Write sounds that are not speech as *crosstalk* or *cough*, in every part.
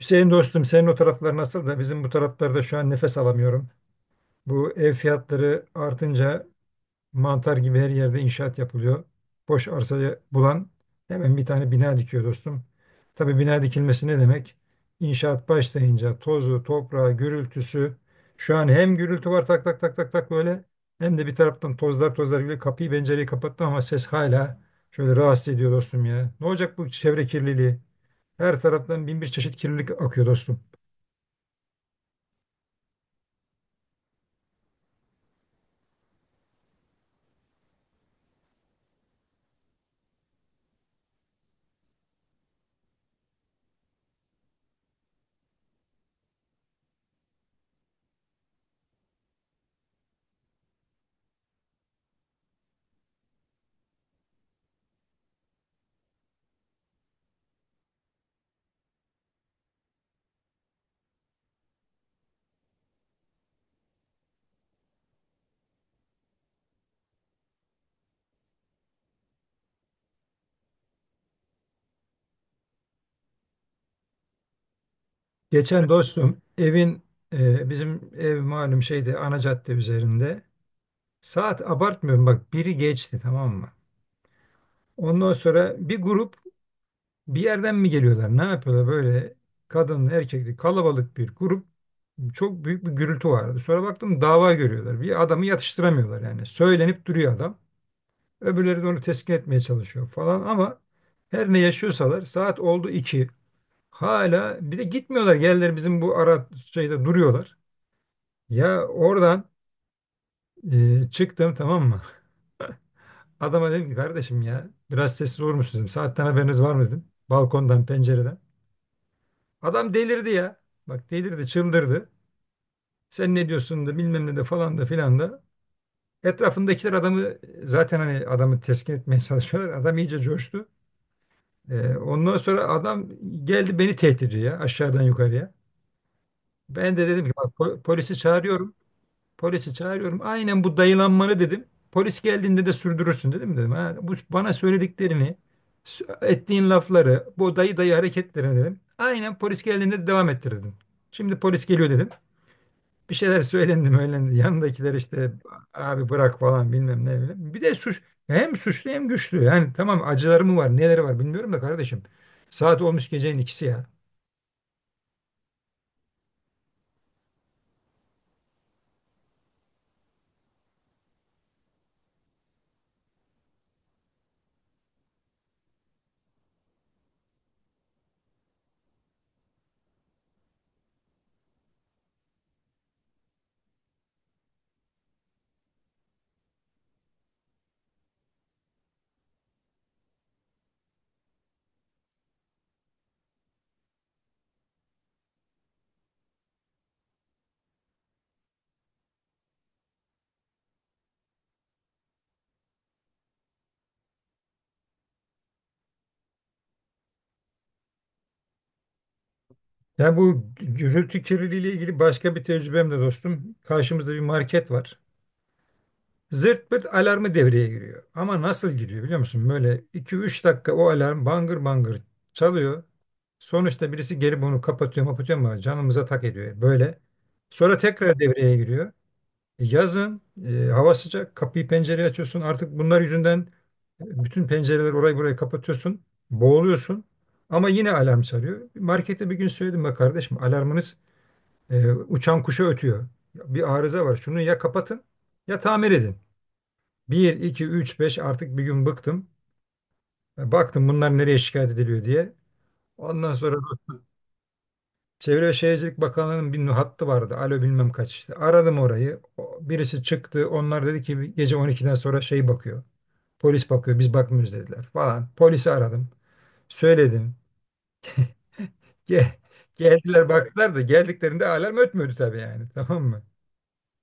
Hüseyin dostum senin o taraflar nasıl da bizim bu taraflarda şu an nefes alamıyorum. Bu ev fiyatları artınca mantar gibi her yerde inşaat yapılıyor. Boş arsayı bulan hemen bir tane bina dikiyor dostum. Tabii bina dikilmesi ne demek? İnşaat başlayınca tozu, toprağı, gürültüsü. Şu an hem gürültü var tak tak tak tak tak böyle hem de bir taraftan tozlar tozlar gibi kapıyı pencereyi kapattım ama ses hala şöyle rahatsız ediyor dostum ya. Ne olacak bu çevre kirliliği? Her taraftan bin bir çeşit kirlilik akıyor dostum. Geçen dostum evin bizim ev malum şeyde ana cadde üzerinde. Saat abartmıyorum bak biri geçti tamam mı? Ondan sonra bir grup bir yerden mi geliyorlar ne yapıyorlar böyle kadın erkekli kalabalık bir grup çok büyük bir gürültü vardı. Sonra baktım dava görüyorlar bir adamı yatıştıramıyorlar yani söylenip duruyor adam. Öbürleri de onu teskin etmeye çalışıyor falan ama her ne yaşıyorsalar saat oldu 2 hala bir de gitmiyorlar geldiler bizim bu ara şeyde duruyorlar. Ya oradan çıktım tamam mı? *laughs* Adama dedim ki kardeşim ya biraz sessiz olur musunuz dedim. Saatten haberiniz var mı dedim. Balkondan pencereden. Adam delirdi ya. Bak delirdi çıldırdı. Sen ne diyorsun da bilmem ne de falan da filan da. Etrafındakiler adamı zaten hani adamı teskin etmeye *laughs* çalışıyorlar. Adam iyice coştu. Ondan sonra adam geldi beni tehdit ediyor ya aşağıdan yukarıya. Ben de dedim ki bak polisi çağırıyorum. Polisi çağırıyorum. Aynen bu dayılanmanı dedim. Polis geldiğinde de sürdürürsün dedim. Ha, bu bana söylediklerini, ettiğin lafları, bu dayı dayı hareketlerini dedim. Aynen polis geldiğinde de devam ettir dedim. Şimdi polis geliyor dedim. Bir şeyler söylendi söylendi. Yanındakiler işte abi bırak falan bilmem ne, bilmem. Bir de suç hem suçlu hem güçlü. Yani tamam acıları mı var neleri var bilmiyorum da kardeşim. Saat olmuş gecenin 2'si ya. Ya bu gürültü kirliliği ile ilgili başka bir tecrübem de dostum. Karşımızda bir market var. Zırt pırt alarmı devreye giriyor. Ama nasıl giriyor biliyor musun? Böyle 2-3 dakika o alarm bangır bangır çalıyor. Sonuçta birisi gelip onu kapatıyor mapatıyor ama canımıza tak ediyor böyle. Sonra tekrar devreye giriyor. Yazın hava sıcak kapıyı pencereyi açıyorsun. Artık bunlar yüzünden bütün pencereleri orayı burayı kapatıyorsun. Boğuluyorsun. Ama yine alarm çalıyor. Markette bir gün söyledim ya kardeşim alarmınız uçan kuşa ötüyor. Bir arıza var şunu ya kapatın ya tamir edin. Bir 2 3 5 artık bir gün bıktım. Baktım bunlar nereye şikayet ediliyor diye. Ondan sonra bu Çevre ve Şehircilik Bakanlığı'nın bir hattı vardı. Alo bilmem kaç işte. Aradım orayı. Birisi çıktı. Onlar dedi ki gece 12'den sonra şey bakıyor. Polis bakıyor biz bakmıyoruz dediler falan. Polisi aradım. Söyledim. Ge- *laughs* Geldiler baktılar da geldiklerinde alarm ötmüyordu tabii yani *laughs* tamam mı?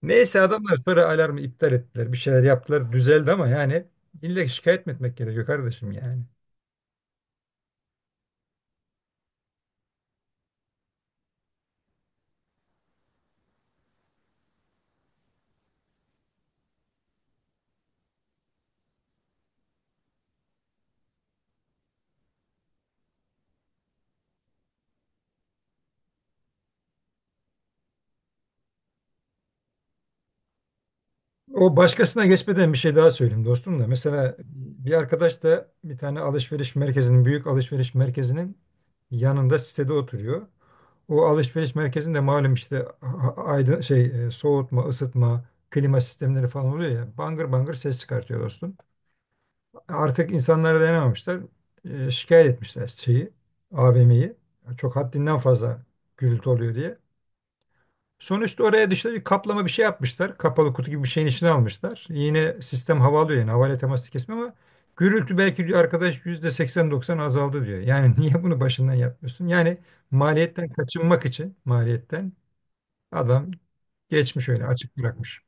Neyse adamlar sonra alarmı iptal ettiler. Bir şeyler yaptılar düzeldi ama yani illa şikayet mi etmek gerekiyor kardeşim yani. O başkasına geçmeden bir şey daha söyleyeyim dostum da. Mesela bir arkadaş da bir tane alışveriş merkezinin, büyük alışveriş merkezinin yanında sitede oturuyor. O alışveriş merkezinde malum işte aydın şey soğutma, ısıtma, klima sistemleri falan oluyor ya. Bangır bangır ses çıkartıyor dostum. Artık insanlara dayanamamışlar. Şikayet etmişler şeyi, AVM'yi. Çok haddinden fazla gürültü oluyor diye. Sonuçta oraya dışta bir kaplama bir şey yapmışlar. Kapalı kutu gibi bir şeyin içine almışlar. Yine sistem havalıyor yani havayla teması kesme ama gürültü belki diyor arkadaş %80-90 azaldı diyor. Yani *laughs* niye bunu başından yapmıyorsun? Yani maliyetten kaçınmak için maliyetten adam geçmiş öyle açık bırakmış.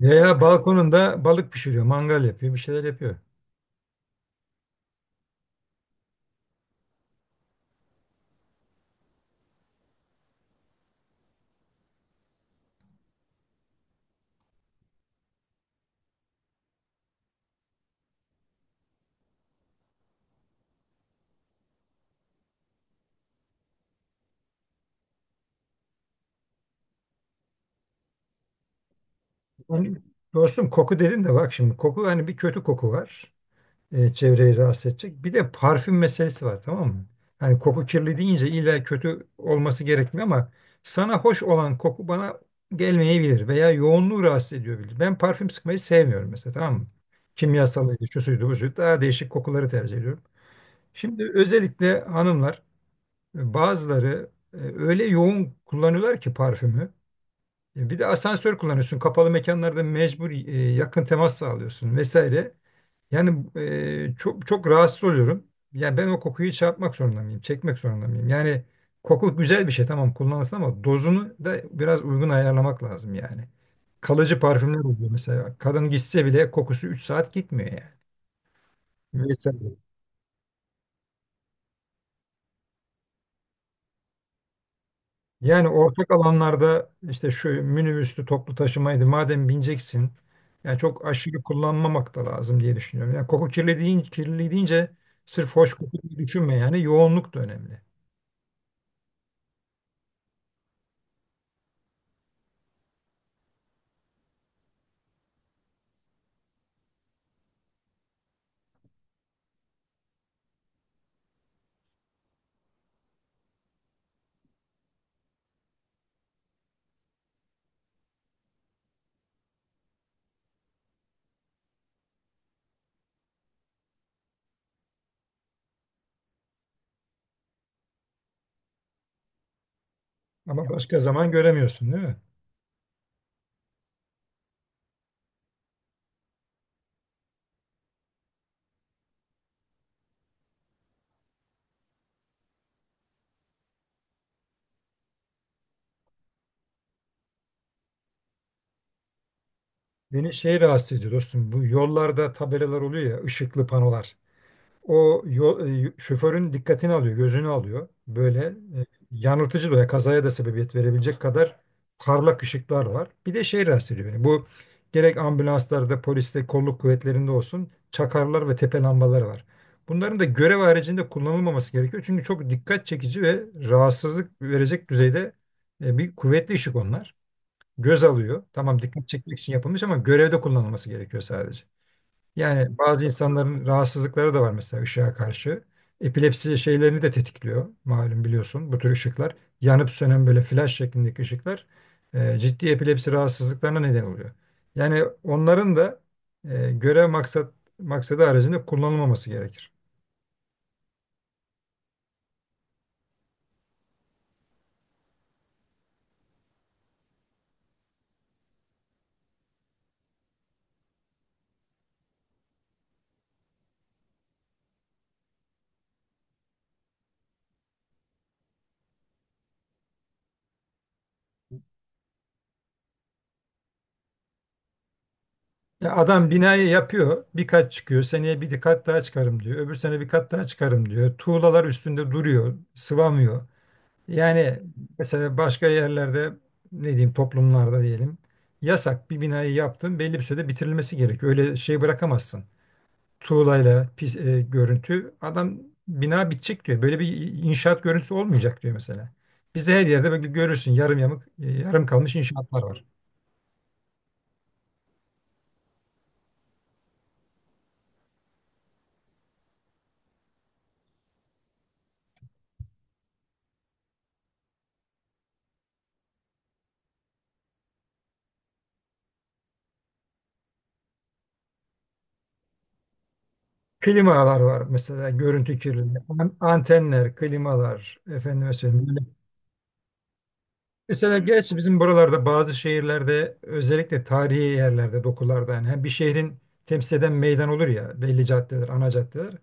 Veya balkonunda balık pişiriyor, mangal yapıyor, bir şeyler yapıyor. Yani dostum koku dedin de bak şimdi koku hani bir kötü koku var. Çevreyi rahatsız edecek. Bir de parfüm meselesi var tamam mı? Yani koku kirli deyince illa kötü olması gerekmiyor ama sana hoş olan koku bana gelmeyebilir veya yoğunluğu rahatsız ediyor. Ben parfüm sıkmayı sevmiyorum mesela tamam mı? Kimyasalıydı, şu suydu, bu suydu. Daha değişik kokuları tercih ediyorum. Şimdi özellikle hanımlar bazıları öyle yoğun kullanıyorlar ki parfümü. Bir de asansör kullanıyorsun. Kapalı mekanlarda mecbur yakın temas sağlıyorsun vesaire. Yani çok çok rahatsız oluyorum. Yani ben o kokuyu çarpmak zorunda mıyım? Çekmek zorunda mıyım? Yani koku güzel bir şey tamam kullanılsın ama dozunu da biraz uygun ayarlamak lazım yani. Kalıcı parfümler oluyor mesela. Kadın gitse bile kokusu 3 saat gitmiyor yani. Vesaire. Yani ortak alanlarda işte şu minibüslü toplu taşımaydı madem bineceksin yani çok aşırı kullanmamak da lazım diye düşünüyorum. Yani koku kirli deyince, kirli deyince sırf hoş koku diye düşünme yani yoğunluk da önemli. Ama başka zaman göremiyorsun değil mi? Beni şey rahatsız ediyor dostum bu yollarda tabelalar oluyor ya ışıklı panolar. O yol, şoförün dikkatini alıyor, gözünü alıyor. Böyle yanıltıcı veya kazaya da sebebiyet verebilecek kadar parlak ışıklar var. Bir de şey rahatsız ediyor beni. Bu gerek ambulanslarda, poliste, kolluk kuvvetlerinde olsun çakarlar ve tepe lambaları var. Bunların da görev haricinde kullanılmaması gerekiyor. Çünkü çok dikkat çekici ve rahatsızlık verecek düzeyde bir kuvvetli ışık onlar. Göz alıyor. Tamam dikkat çekmek için yapılmış ama görevde kullanılması gerekiyor sadece. Yani bazı insanların rahatsızlıkları da var mesela ışığa karşı. Epilepsi şeylerini de tetikliyor malum biliyorsun bu tür ışıklar. Yanıp sönen böyle flash şeklindeki ışıklar ciddi epilepsi rahatsızlıklarına neden oluyor. Yani onların da e, görev maksat maksadı haricinde kullanılmaması gerekir. Ya adam binayı yapıyor, bir kat çıkıyor, seneye bir kat daha çıkarım diyor, öbür sene bir kat daha çıkarım diyor. Tuğlalar üstünde duruyor, sıvamıyor. Yani mesela başka yerlerde ne diyeyim toplumlarda diyelim yasak bir binayı yaptın belli bir sürede bitirilmesi gerekiyor. Öyle şey bırakamazsın. Tuğlayla pis, görüntü adam bina bitecek diyor. Böyle bir inşaat görüntüsü olmayacak diyor mesela. Bizde her yerde böyle görürsün yarım yamuk yarım kalmış inşaatlar var. Klimalar var mesela görüntü kirliliği. Antenler, klimalar efendime söyleyeyim. Mesela gerçi bizim buralarda bazı şehirlerde özellikle tarihi yerlerde dokularda yani hem bir şehrin temsil eden meydan olur ya belli caddeler, ana caddeler.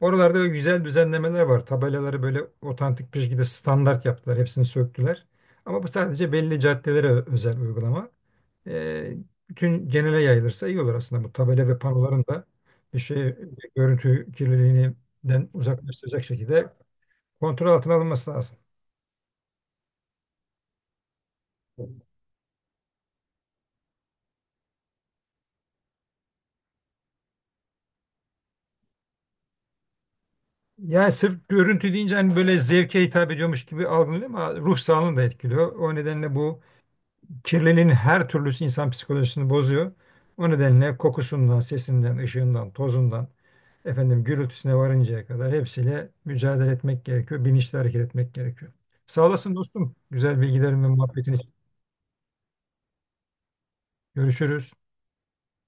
Oralarda böyle güzel düzenlemeler var. Tabelaları böyle otantik bir şekilde standart yaptılar. Hepsini söktüler. Ama bu sadece belli caddelere özel uygulama. Ee, Bütün genele yayılırsa iyi olur aslında bu tabela ve panoların da bir şey görüntü kirliliğinden uzaklaştıracak şekilde kontrol altına alınması lazım. Yani sırf görüntü deyince hani böyle zevke hitap ediyormuş gibi algılanıyor ama ruh sağlığını da etkiliyor. O nedenle bu kirliliğin her türlüsü insan psikolojisini bozuyor. O nedenle kokusundan, sesinden, ışığından, tozundan, efendim gürültüsüne varıncaya kadar hepsiyle mücadele etmek gerekiyor. Bilinçli hareket etmek gerekiyor. Sağ olasın dostum. Güzel bilgilerin ve muhabbetin için. Görüşürüz.